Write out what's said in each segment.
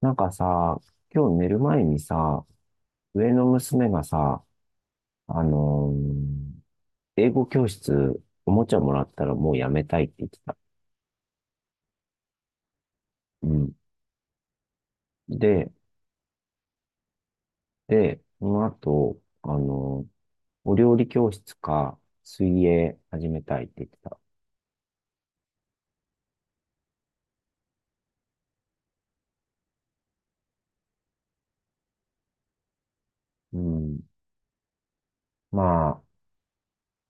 なんかさ、今日寝る前にさ、上の娘がさ、あのー英語教室、おもちゃもらったらもうやめたいって言ってた。うん。で、その後、お料理教室か、水泳始めたいって言ってた。うん。ま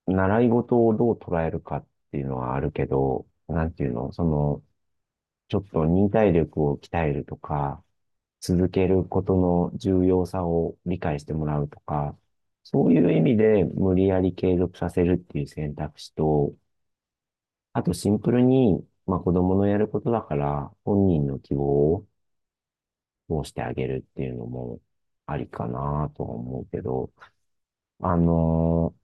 あ、習い事をどう捉えるかっていうのはあるけど、なんていうの、その、ちょっと忍耐力を鍛えるとか、続けることの重要さを理解してもらうとか、そういう意味で無理やり継続させるっていう選択肢と、あとシンプルに、まあ子供のやることだから本人の希望を通してあげるっていうのもありかなとは思うけど、あのー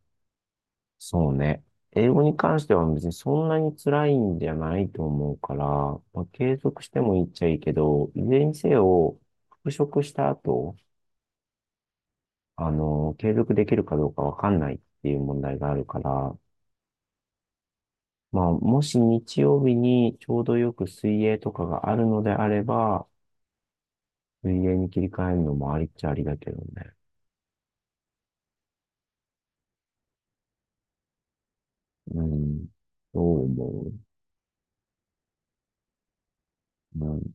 そうね。英語に関しては別にそんなに辛いんじゃないと思うから、まあ、継続してもいいっちゃいいけど、いずれにせよ、復職した後、あの、継続できるかどうかわかんないっていう問題があるから、まあ、もし日曜日にちょうどよく水泳とかがあるのであれば、水泳に切り替えるのもありっちゃありだけどね。うん。どう思う？う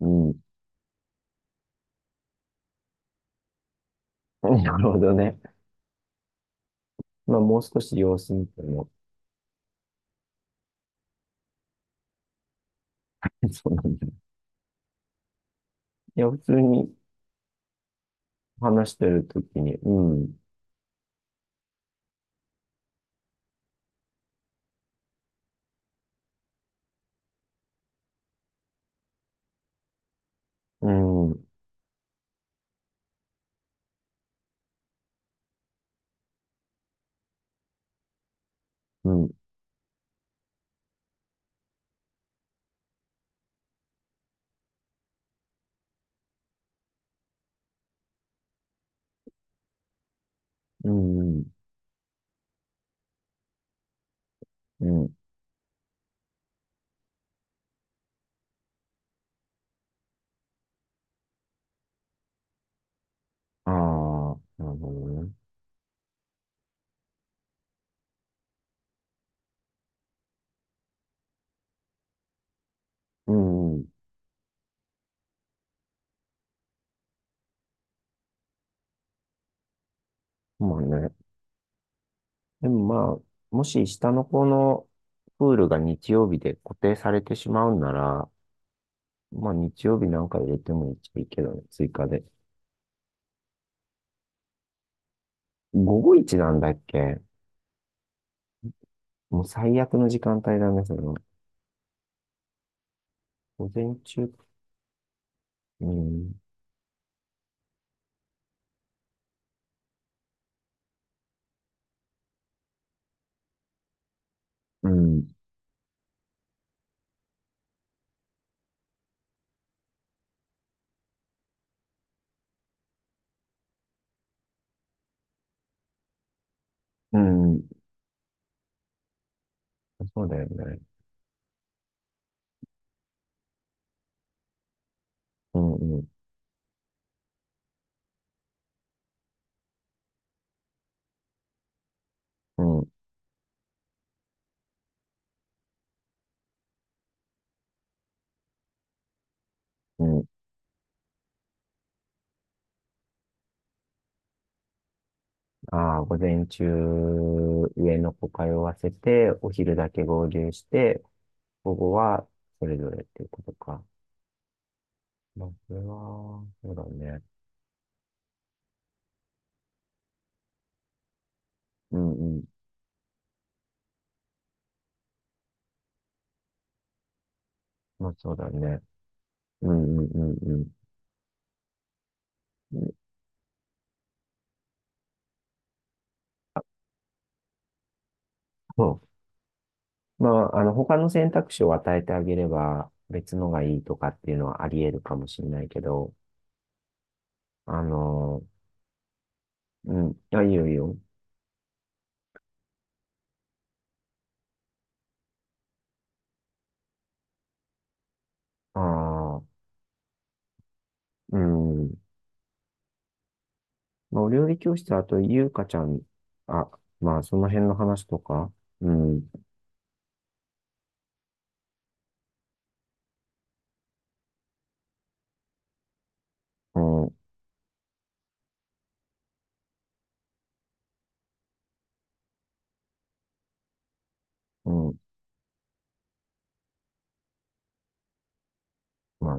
ん。うん。なるほどね。まあ、もう少し様子見ても。そうなんだ。いや、普通に話してるときに、うん、うん、うん、うん、うん。うん。ああ、なるほどね。うん、うん。まあね。でもまあ、もし下の子のプールが日曜日で固定されてしまうんなら、まあ日曜日なんか入れてもいいけどね、追加で。午後一なんだっけ？もう最悪の時間帯だね、その。午前中、うん、うん、うん、そうだよね。うん、うん、うん、うん。ああ、午前中、上の子通わせて、お昼だけ合流して、午後はそれぞれっていうことか。まあ、それは、そうだね。うんうん。まあそうだね。うんうんうんうん。そう。まあ、あの、他の選択肢を与えてあげれば、別のがいいとかっていうのはあり得るかもしれないけど、あの、うん。あ、いいよいいよ。ああ、うん。まあ、お料理教室、あと、ゆうかちゃん、あ、まあ、その辺の話とか、うん、うん、うん、ま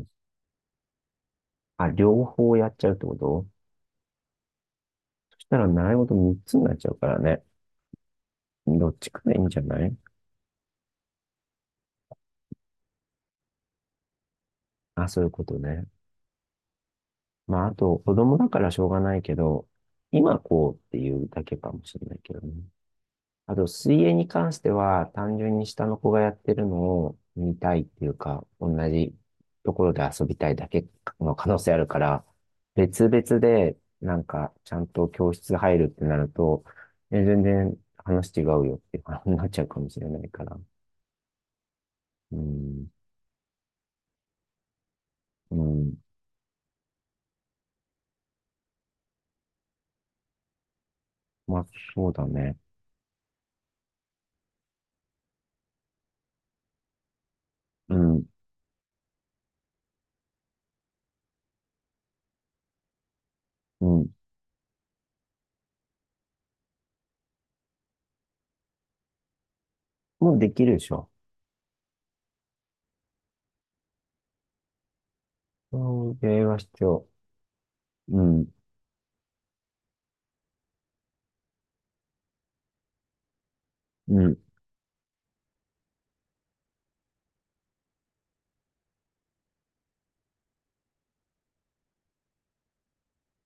あ、あ、両方やっちゃうってこと？そしたら習い事3つになっちゃうからね。どっちかでいいんじゃない？あ、そういうことね。まあ、あと、子供だからしょうがないけど、今こうっていうだけかもしれないけどね。あと、水泳に関しては、単純に下の子がやってるのを見たいっていうか、同じところで遊びたいだけの可能性あるから、別々で、なんか、ちゃんと教室入るってなると、え全然話違うよっていう話になっちゃうかもしれないから。うん、うん、まあ、そうだね。うん、うん。もうできるでしょ。それは必要。うん、うん、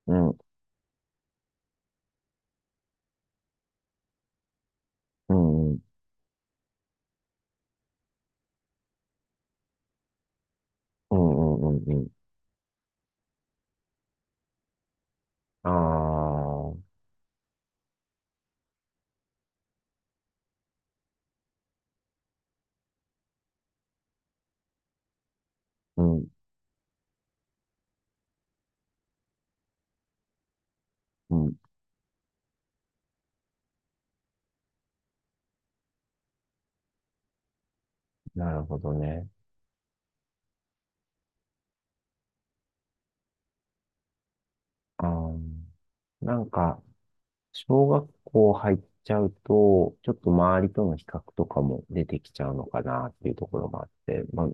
うん、うん、うん、うん、うん、うん。ああ、うん、うん。なるほどね。ああ、なんか、小学校入っちゃうと、ちょっと周りとの比較とかも出てきちゃうのかなっていうところもあって、まあ、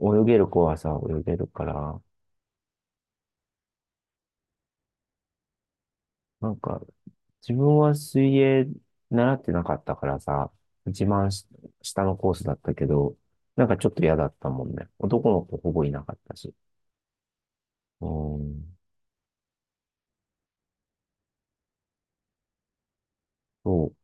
泳げる子はさ、泳げるから、なんか、自分は水泳習ってなかったからさ、一番し下のコースだったけど、なんかちょっと嫌だったもんね。男の子ほぼいなかったし。うん。そう、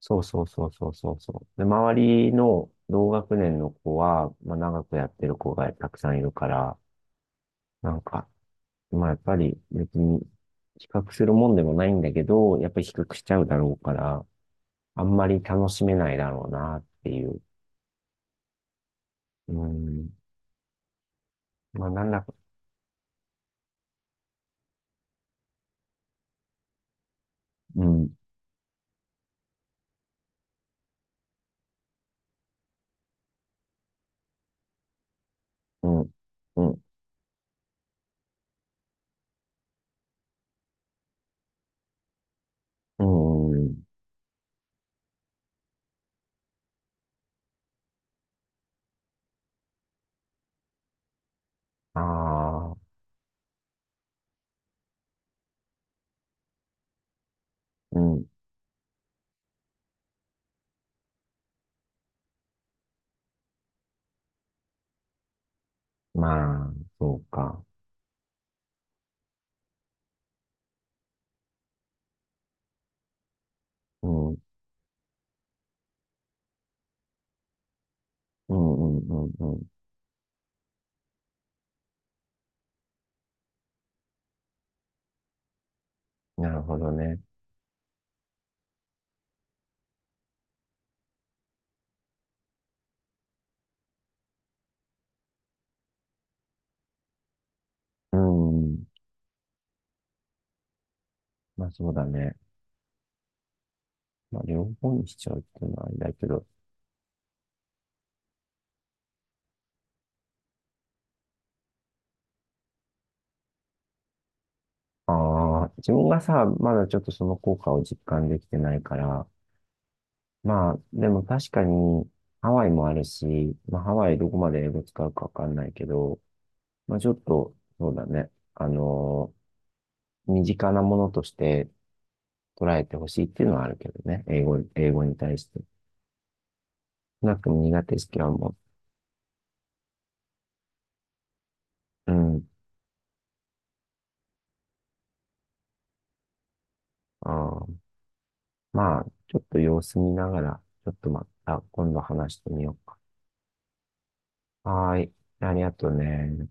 そうそうそうそうそうそう。で、周りの同学年の子は、まあ、長くやってる子がたくさんいるから、なんか、まあ、やっぱり別に比較するもんでもないんだけど、やっぱり比較しちゃうだろうから、あんまり楽しめないだろうなっていう。うん。まあ、なんだか、うん、うん、うん、うん、うん。ああ、うん。まあ、そうか。うん、うん、うん、うん、うん。なるほどね。うん。まあ、そうだね。まあ、両方にしちゃうっていうのはあれだけど、ああ、自分がさ、まだちょっとその効果を実感できてないから、まあ、でも確かに、ハワイもあるし、まあ、ハワイどこまで英語使うかわかんないけど、まあ、ちょっと、そうだね、身近なものとして捉えてほしいっていうのはあるけどね、英語、英語に対して。少なくとも苦手意識はもう、うん、あー、まあ、ちょっと様子見ながら、ちょっとまた今度話してみようか。はーい。ありがとうね。